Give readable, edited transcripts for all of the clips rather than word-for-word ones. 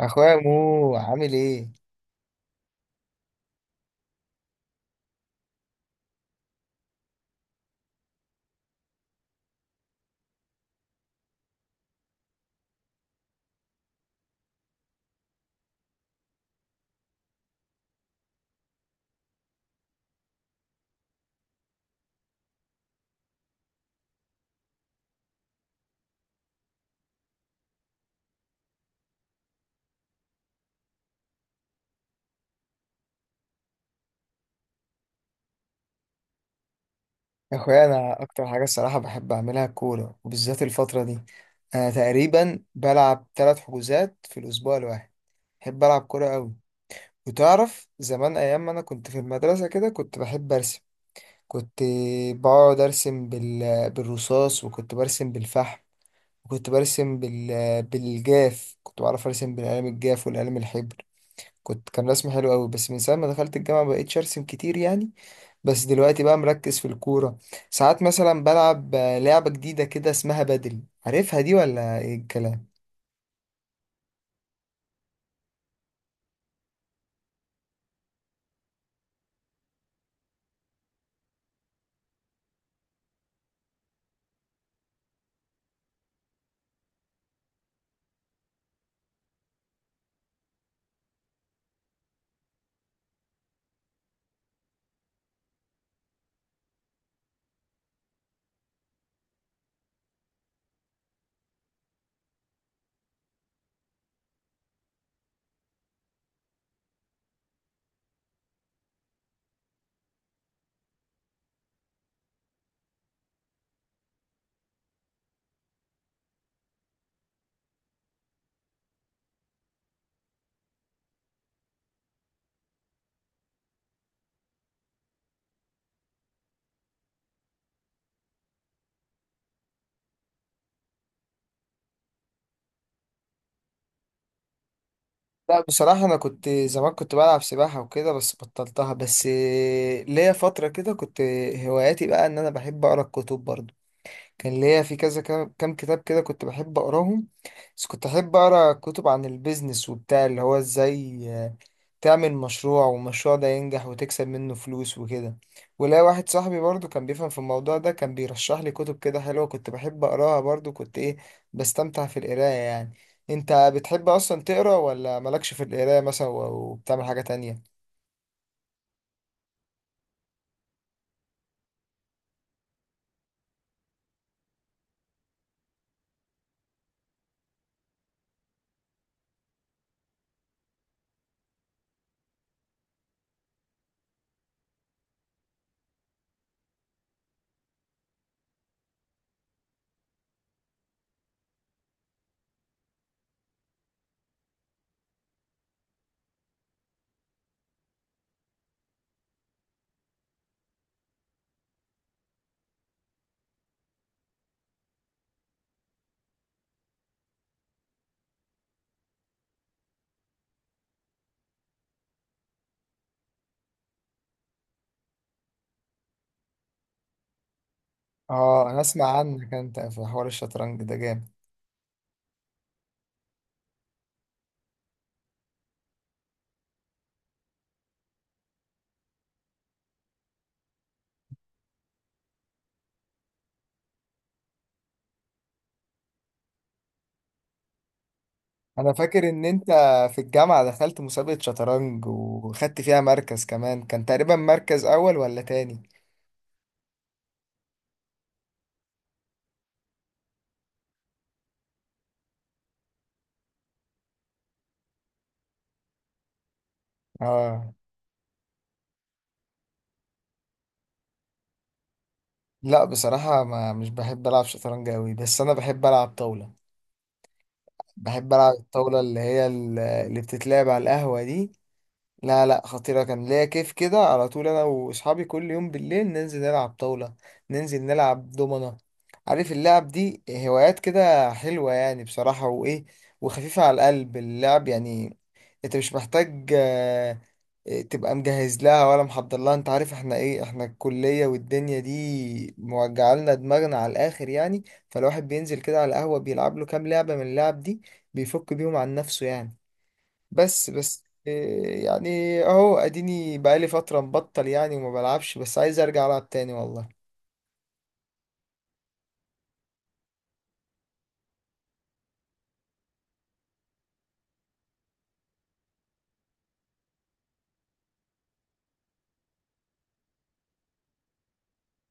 اخويا مو عامل ايه؟ اخويا انا اكتر حاجه الصراحه بحب اعملها الكوره، وبالذات الفتره دي انا تقريبا بلعب 3 حجوزات في الاسبوع الواحد. بحب العب كوره قوي. وتعرف زمان ايام ما انا كنت في المدرسه كده كنت بحب ارسم. كنت بقعد ارسم بالرصاص، وكنت برسم بالفحم، وكنت برسم بالجاف. كنت بعرف ارسم بالقلم الجاف والقلم الحبر. كان رسم حلو قوي، بس من ساعه ما دخلت الجامعه مبقتش ارسم كتير يعني. بس دلوقتي بقى مركز في الكورة. ساعات مثلا بلعب لعبة جديدة كده اسمها بدل. عارفها دي ولا ايه الكلام؟ لا، بصراحة أنا كنت زمان كنت بلعب سباحة وكده بس بطلتها. بس ليا فترة كده كنت هواياتي بقى إن أنا بحب أقرأ الكتب برضه. كان ليا في كذا كام كتاب كده كنت بحب أقراهم. بس كنت أحب أقرأ كتب عن البيزنس وبتاع، اللي هو إزاي تعمل مشروع والمشروع ده ينجح وتكسب منه فلوس وكده. ولا واحد صاحبي برضو كان بيفهم في الموضوع ده، كان بيرشح لي كتب كده حلوة كنت بحب أقراها. برضو كنت إيه، بستمتع في القراية يعني. أنت بتحب أصلا تقرأ ولا مالكش في القراية مثلا وبتعمل حاجة تانية؟ آه، أنا أسمع عنك أنت في حوار الشطرنج ده جامد. انا فاكر ان انت في الجامعة دخلت مسابقة شطرنج وخدت فيها مركز، كمان كان تقريبا مركز اول ولا تاني. اه. لا بصراحة ما مش بحب العب شطرنج اوي، بس انا بحب العب طاولة. بحب العب الطاولة اللي هي اللي بتتلعب على القهوة دي. لا لا، خطيرة، كان ليا كيف كده على طول. أنا وأصحابي كل يوم بالليل ننزل نلعب طاولة، ننزل نلعب دومنة. عارف اللعب دي هوايات كده حلوة يعني بصراحة، وإيه، وخفيفة على القلب اللعب يعني. أنت مش محتاج تبقى مجهز لها ولا محضر لها. أنت عارف إحنا إيه، إحنا الكلية والدنيا دي موجعة لنا دماغنا على الآخر يعني. فالواحد بينزل كده على القهوة بيلعب له كام لعبة من اللعب دي، بيفك بيهم عن نفسه يعني. بس إيه، يعني اهو اديني بقالي فترة مبطل يعني وما بلعبش، بس عايز ارجع العب تاني والله.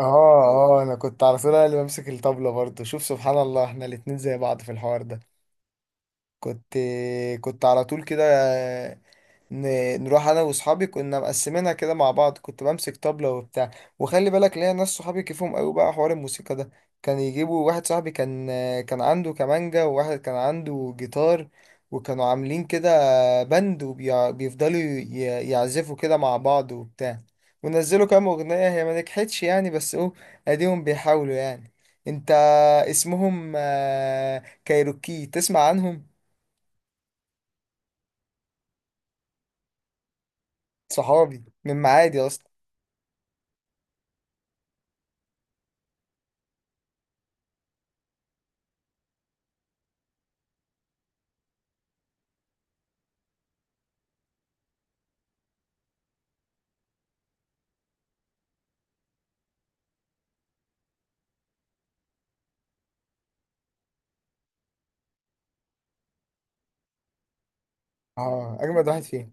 اه. اه انا كنت على طول أنا اللي بمسك الطبلة برضه. شوف سبحان الله، احنا الاتنين زي بعض في الحوار ده. كنت كنت على طول كده نروح انا واصحابي. كنا مقسمينها كده مع بعض، كنت بمسك طبلة وبتاع. وخلي بالك ليا ناس صحابي كيفهم قوي بقى حوار الموسيقى ده. كان يجيبوا واحد صاحبي كان عنده كمانجا، وواحد كان عنده جيتار، وكانوا عاملين كده بند، وبيفضلوا يعزفوا كده مع بعض وبتاع. ونزلوا كام اغنية، هي ما نجحتش يعني بس اهو اديهم بيحاولوا يعني. انت اسمهم كايروكي، تسمع عنهم؟ صحابي من معادي اصلا. اه، اجمد واحد فيهم.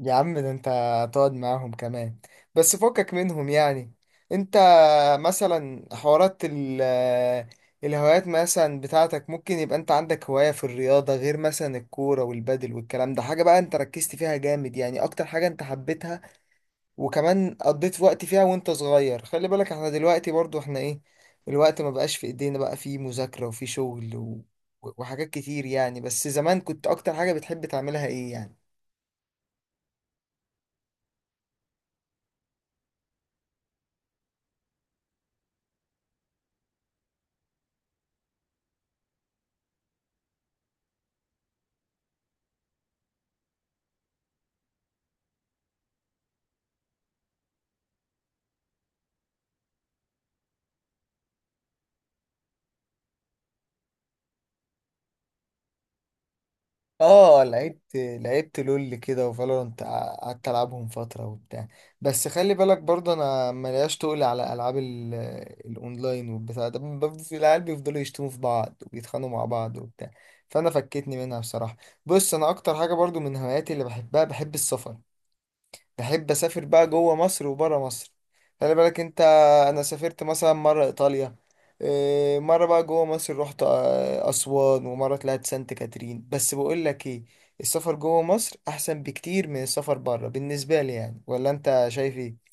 يا عم ده انت هتقعد معاهم كمان؟ بس فكك منهم يعني. انت مثلا حوارات الهوايات مثلا بتاعتك، ممكن يبقى انت عندك هواية في الرياضة غير مثلا الكورة والبادل والكلام ده؟ حاجة بقى انت ركزت فيها جامد يعني، اكتر حاجة انت حبيتها، وكمان قضيت وقت فيها وانت صغير. خلي بالك احنا دلوقتي برضو احنا ايه، الوقت ما بقاش في ايدينا بقى، في مذاكرة وفي شغل و... وحاجات كتير يعني. بس زمان كنت اكتر حاجة بتحب تعملها ايه يعني؟ اه لعبت لول كده وفالورانت، قعدت العبهم فتره وبتاع. بس خلي بالك برضه انا ملياش تقل على العاب الاونلاين والبتاع ده. في العيال بيفضلوا يشتموا في بعض وبيتخانقوا مع بعض وبتاع، فانا فكتني منها بصراحه. بص، انا اكتر حاجه برضه من هواياتي اللي بحبها بحب السفر. بحب اسافر بقى جوه مصر وبره مصر. خلي بالك انت، انا سافرت مثلا مره ايطاليا. إيه، مره بقى جوه مصر رحت اسوان، ومره طلعت سانت كاترين. بس بقول لك ايه، السفر جوه مصر احسن بكتير من السفر بره بالنسبه لي يعني. ولا انت شايف ايه؟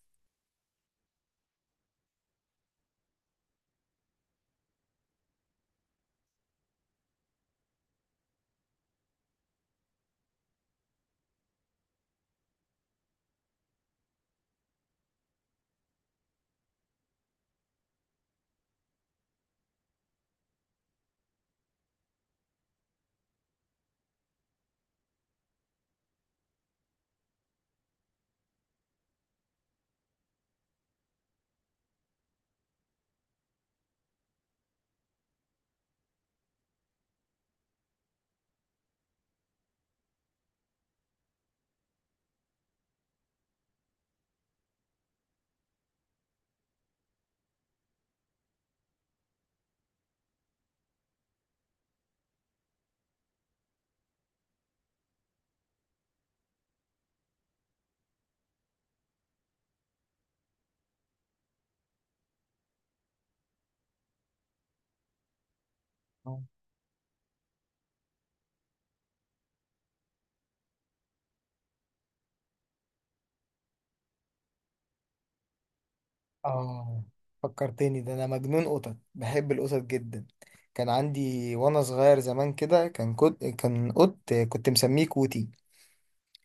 اه، فكرتني. ده انا مجنون قطط، بحب القطط جدا. كان عندي وانا صغير زمان كده، كان قط كنت مسميه كوتي.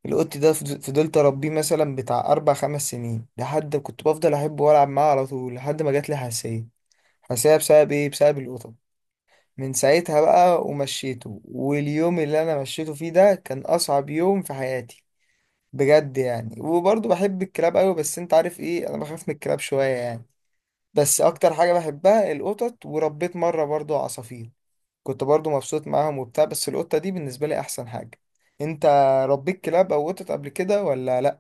القط ده فضلت اربيه مثلا بتاع 4 5 سنين، لحد كنت بفضل احبه والعب معاه على طول لحد ما جات لي حساسيه. حساسيه بسبب ايه؟ بسبب القطط. من ساعتها بقى ومشيته، واليوم اللي انا مشيته فيه ده كان اصعب يوم في حياتي بجد يعني. وبرضه بحب الكلاب قوي، بس انت عارف ايه، انا بخاف من الكلاب شويه يعني. بس اكتر حاجه بحبها القطط. وربيت مره برضه عصافير، كنت برضه مبسوط معاهم وبتاع، بس القطه دي بالنسبه لي احسن حاجه. انت ربيت كلاب او قطط قبل كده ولا لا؟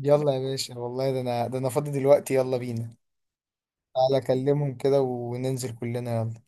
يلا يا باشا والله، ده انا فاضي دلوقتي، يلا بينا. تعالى اكلمهم كده وننزل كلنا، يلا.